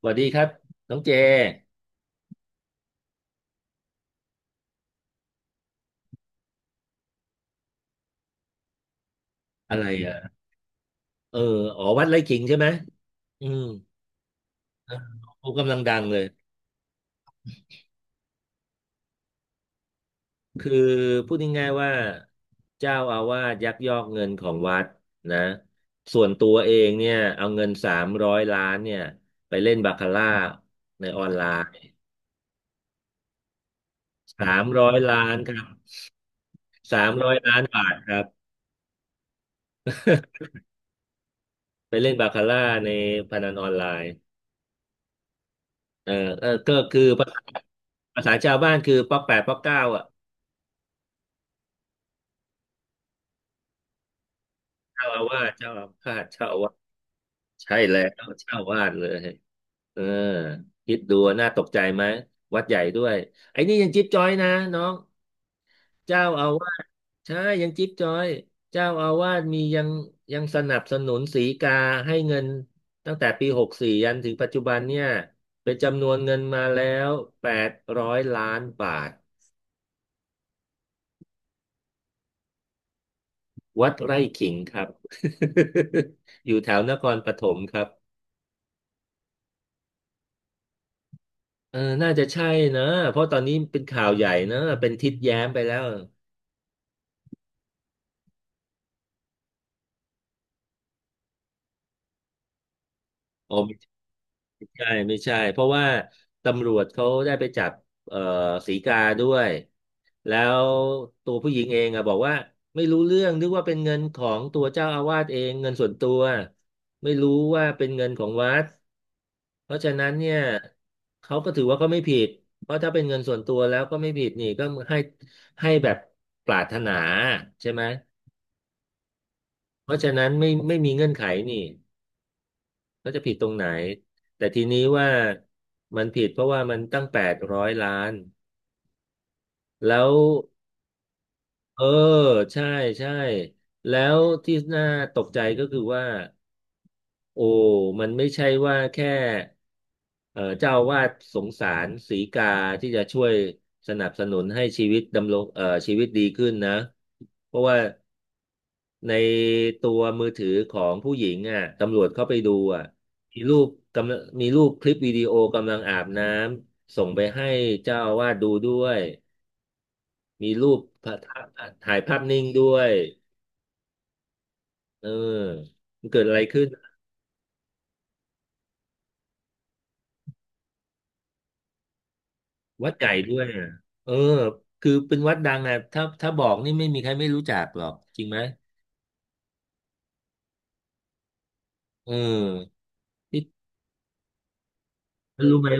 สวัสดีครับน้องเจอะไรอ่ะเอออ๋อวัดไร่ขิงใช่ไหม อืมเออเขกำลังดังเลยคือพูดง่ายๆว่าเจ้าอาวาสยักยอกเงินของวัดนะส่วนตัวเองเนี่ยเอาเงินสามร้อยล้านเนี่ยไปเล่นบาคาร่าในออนไลน์สามร้อยล้านครับ300 ล้านบาทครับไปเล่นบาคาร่าในพนันออนไลน์เออก็คือภาษาชาวบ้านคือป๊อกแปดป๊อกเก้าอ่ะ เจ้าอาวาสเจ้าอาพาธเจ้าอาวาสใช่แล้วเจ้าอาวาสเลยเออคิดดูน่าตกใจไหมวัดใหญ่ด้วยไอ้นี่ยังจิ๊บจ้อยนะน้องเจ้าอาวาสใช่ยังจิ๊บจ้อยเจ้าอาวาสมียังยังสนับสนุนสีกาให้เงินตั้งแต่ปี64ยันถึงปัจจุบันเนี่ยเป็นจำนวนเงินมาแล้ว800 ล้านบาทวัดไร่ขิงครับ อยู่แถวนครปฐมครับ น่าจะใช่นะเพราะตอนนี้เป็นข่าวใหญ่นะเป็นทิดแย้มไปแล้วอ๋อไม่ใช่ไม่ใช่เพราะว่าตำรวจเขาได้ไปจับเอ่อศรีกาด้วยแล้วตัวผู้หญิงเองอะบอกว่าไม่รู้เรื่องนึกว่าเป็นเงินของตัวเจ้าอาวาสเองเงินส่วนตัวไม่รู้ว่าเป็นเงินของวัดเพราะฉะนั้นเนี่ยเขาก็ถือว่าเขาไม่ผิดเพราะถ้าเป็นเงินส่วนตัวแล้วก็ไม่ผิดนี่ก็ให้ให้แบบปรารถนาใช่ไหม เพราะฉะนั้นไม่มีเงื่อนไขนี่ก็จะผิดตรงไหนแต่ทีนี้ว่ามันผิดเพราะว่ามันตั้งแปดร้อยล้านแล้วเออใช่ใช่แล้วที่น่าตกใจก็คือว่าโอ้มันไม่ใช่ว่าแค่เจ้าอาวาสสงสารสีกาที่จะช่วยสนับสนุนให้ชีวิตดำรงชีวิตดีขึ้นนะเพราะว่า ในตัวมือถือของผู้หญิงอ่ะตำรวจเข้าไปดูอ่ะมีรูปกำลังมีรูปคลิปวิดีโอกำลังอาบน้ำส่งไปให้เจ้าอาวาสดูด้วยมีรูปพระถ่ายภาพนิ่งด้วยเออมันเกิดอะไรขึ้นวัดใหญ่ด้วยอ่ะเออคือเป็นวัดดังอ่ะถ้าบอกนี่ไม่มีใครไม่รู้จักหรอกจริงไหมเออนี่รู้ไหม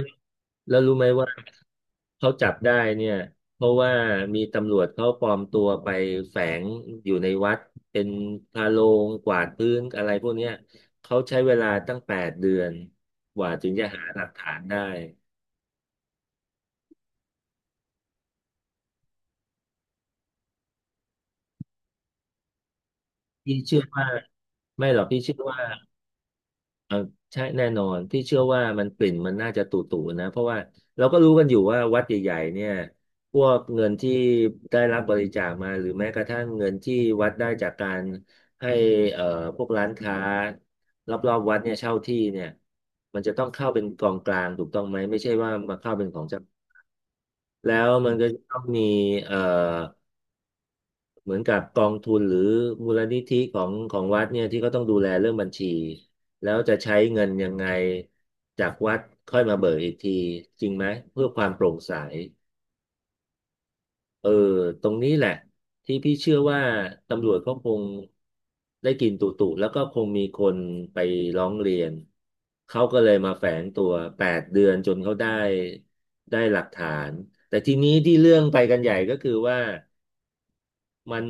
แล้วรู้ไหมว่าเขาจับได้เนี่ยเพราะว่ามีตำรวจเขาปลอมตัวไปแฝงอยู่ในวัดเป็นพาโลงกวาดพื้นอะไรพวกเนี้ยเขาใช้เวลาตั้งแปดเดือนกว่าถึงจะหาหลักฐานได้พี่เชื่อว่าไม่หรอกพี่เชื่อว่า ใช่แน่นอนพี่เชื่อว่ามันกลิ่นมันน่าจะตุ่ๆนะเพราะว่าเราก็รู้กันอยู่ว่าวัดใหญ่ๆเนี่ยพวกเงินที่ได้รับบริจาคมาหรือแม้กระทั่งเงินที่วัดได้จากการให้เอ่อพวกร้านค้ารอบๆวัดเนี่ยเช่าที่เนี่ยมันจะต้องเข้าเป็นกองกลางถูกต้องไหมไม่ใช่ว่ามาเข้าเป็นของเจ้าแล้วมันก็ต้องมีเอ่อ เหมือนกับกองทุนหรือมูลนิธิของวัดเนี่ยที่เขาต้องดูแลเรื่องบัญชีแล้วจะใช้เงินยังไงจากวัดค่อยมาเบิกอีกทีจริงไหมเพื่อความโปร่งใสเออตรงนี้แหละที่พี่เชื่อว่าตำรวจเขาคงได้กลินตุตุแล้วก็คงมีคนไปร้องเรียนเขาก็เลยมาแฝงตัวแปดเดือนจนเขาได้หลักฐานแต่ทีนี้ที่เรื่องไปกันใหญ่ก็คือว่า มัน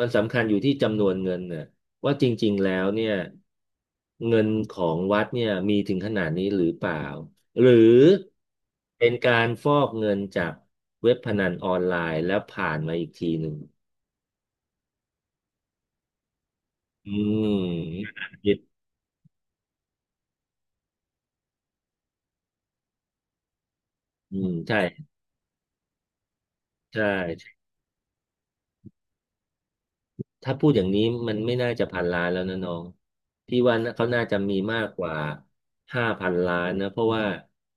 มันสำคัญอยู่ที่จำนวนเงินเนี่ยว่าจริงๆแล้วเนี่ยเงินของวัดเนี่ยมีถึงขนาดนี้หรือเปล่าหรือเป็นการฟอกเงินจากเว็บพนันออนไลน์แล้วผ่านมาอีกทีหนึ่งอืมผิดอืมใช่ใช่ ถ้าพูดอย่างนี้มันไม่น่าจะพันล้านแล้วนะน้องพี่ว่าน่ะเขาน่าจะมีมากกว่า5,000 ล้านนะเพราะว่า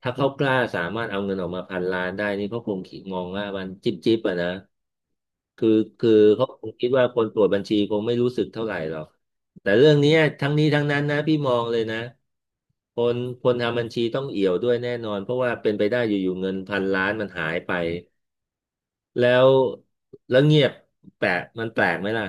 ถ้าเขากล้าสามารถเอาเงินออกมาพันล้านได้นี่เขาคงคิดมองว่ามันจิ๊บจิ๊บอะนะคือคือเขาคงคิดว่าคนตรวจบัญชีคงไม่รู้สึกเท่าไหร่หรอกแต่เรื่องเนี้ยทั้งนี้ทั้งนั้นนะพี่มองเลยนะคนคนทำบัญชีต้องเอี่ยวด้วยแน่นอนเพราะว่าเป็นไปได้อยู่ๆเงินพันล้านมันหายไปแล้วแล้วเงียบแปลกมันแปลกไหมล่ะ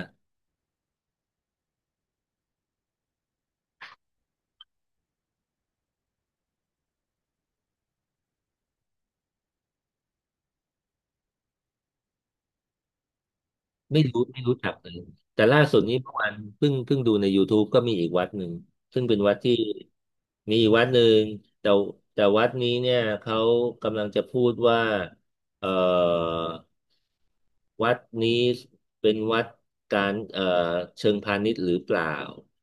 ไม่รู้จักเลยแต่ล่าสุดนี้เมื่อวานเพิ่งดูใน YouTube ก็มีอีกวัดหนึ่งซึ่งเป็นวัดที่มีอีกวัดหนึ่งแต่แต่วัดนี้เนี่ยเขากำลังจะพูดว่าเอ่อวัดนี้เป็นวัดการเชิงพาณิชย์หรือเปล่า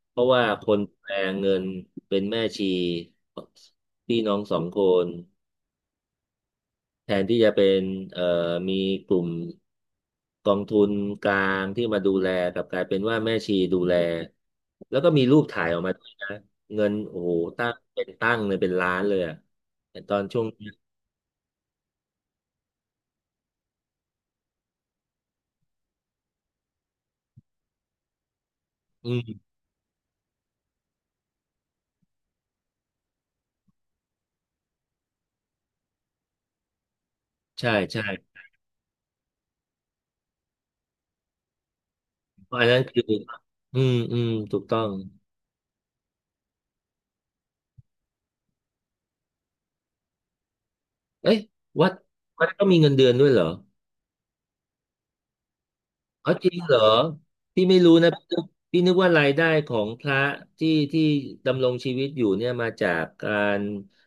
เพราะว่าคนแปลเงินเป็นแม่ชีพี่น้องสองคน แทนที่จะเป็นเอ่อมีกลุ่มกองทุนกลางที่มาดูแลกลับกลายเป็นว่าแม่ชีดูแลแล้วก็มีรูปถ่ายออกมาด้วยนะเงินโอ้โหตั้งเป็นตั้งเลยเป็นล้านเลยอะแต่ตอนช่วงนี้อืมใช่ใช่เพราะอันนั้นคืออืมอืมถูกต้องเอ้ยวัดก็มีเงินเดือนด้วยเหรอ อ๋อจริงเหรอพี่ไม่รู้นะพี่นึกพี่นึกว่ารายได้ของพระที่ที่ดำรงชีวิตอยู่เนี่ยมาจากการ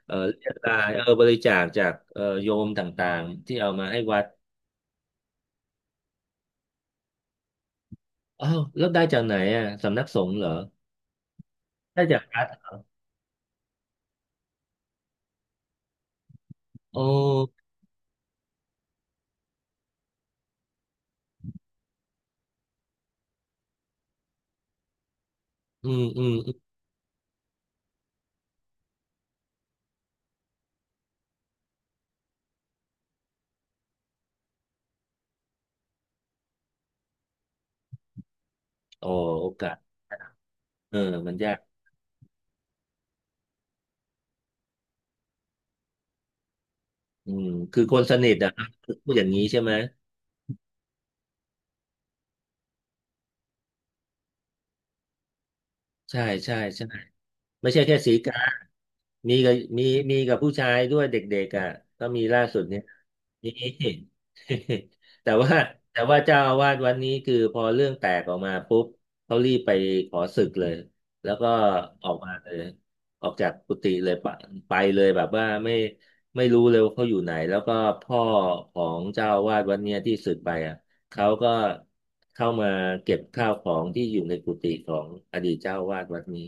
เรียกรายบริจาคจากโยมต่างๆที่เอามาให้วัดอ้าวแล้วได้จากไหนอ่ะสำนักสงฆ์เหรอได้จากวัดโอ้อืมอืมอืมอ๋อโอกาสเออมันยากอืมคือคนสนิทอ่ะพูดอย่างนี้ใช่ไหมใช่ใช่ใช่ ไม่ใช่แค่สีกามีกับมีมีกับผู้ชายด้วยเด็กๆอ่ะก็มีล่าสุดเนี่ยมี แต่ว่าแต่ว่าเจ้าอาวาสวันนี้คือพอเรื่องแตกออกมาปุ๊บเขารีบไปขอสึกเลยแล้วก็ออกมาเลยออกจากกุฏิเลยไปไปเลยแบบว่าไม่ไม่รู้เลยว่าเขาอยู่ไหนแล้วก็พ่อของเจ้าอาวาสวันเนี้ยที่สึกไปอ่ะเขาก็เข้ามาเก็บข้าวของที่อยู่ในกุฏิของอดีตเจ้าอาวาสวัดนี้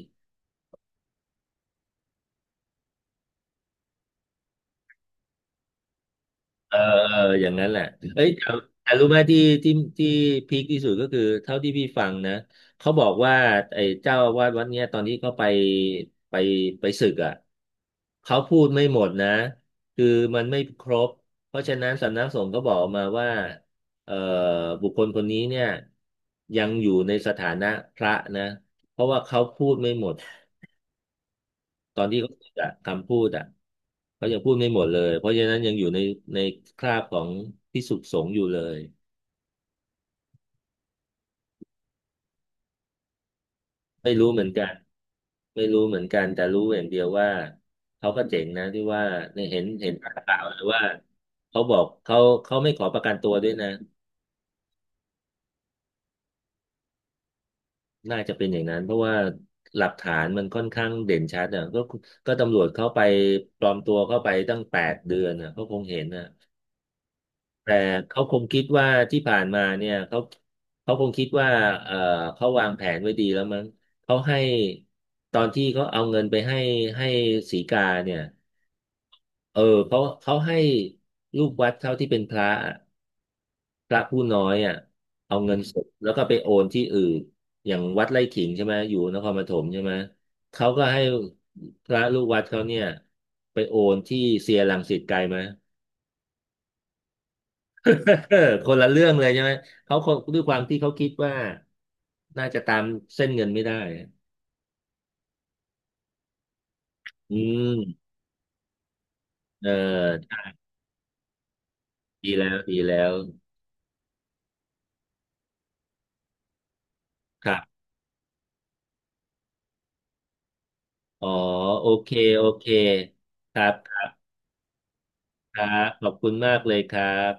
เออเอออย่างนั้นแหละเอ้ยแต่แต่รู้ไหมที่ที่ที่พีคที่สุดก็คือเท่าที่พี่ฟังนะเขาบอกว่าไอ้เจ้าอาวาสวัดเนี้ยตอนที่เขาไปไปไปศึกอ่ะเขาพูดไม่หมดนะคือมันไม่ครบเพราะฉะนั้นสำนักสงฆ์ก็บอกมาว่าเอ่อบุคคลคนนี้เนี่ยยังอยู่ในสถานะพระนะเพราะว่าเขาพูดไม่หมด ตอนที่เขาพูดอะคำพูดอะเขายังพูดไม่หมดเลยเพราะฉะนั้นยังอยู่ในในคราบของภิกษุสงฆ์อยู่เลยไม่รู้เหมือนกันไม่รู้เหมือนกันแต่รู้อย่างเดียวว่าเขาก็เจ๋งนะที่ว่าในเห็นเห็นข่าวหรือว่าเขาบอกเขาเขาไม่ขอประกันตัวด้วยนะน่าจะเป็นอย่างนั้นเพราะว่าหลักฐานมันค่อนข้างเด่นชัดอ่ะก็ก็ตำรวจเข้าไปปลอมตัวเข้าไปตั้ง8 เดือนอ่ะเขาคงเห็นนะ แต่เขาคงคิดว่าที่ผ่านมาเนี่ยเขาเขาคงคิดว่าเออเขาวางแผนไว้ดีแล้วมั้งเขาให้ตอนที่เขาเอาเงินไปให้ให้สีกาเนี่ยเออเขาเขาให้ลูกวัดเขาที่เป็นพระอะพระผู้น้อยอ่ะเอาเงินสดแล้วก็ไปโอนที่อื่นอย่างวัดไร่ขิงใช่ไหมอยู่นครปฐมใช่ไหมเขาก็ให้พระลูกวัดเขาเนี่ยไปโอนที่เซียร์รังสิตไกลไหม คนละเรื่องเลยใช่ไหมเขาคงด้วยความที่เขาคิดว่าน่าจะตามเส้นเงินไม่ได้ อืมเออดีแล้วดีแล้วครับ อ๋อโอเคโอเคครับครับครับขอบคุณมากเลยครับ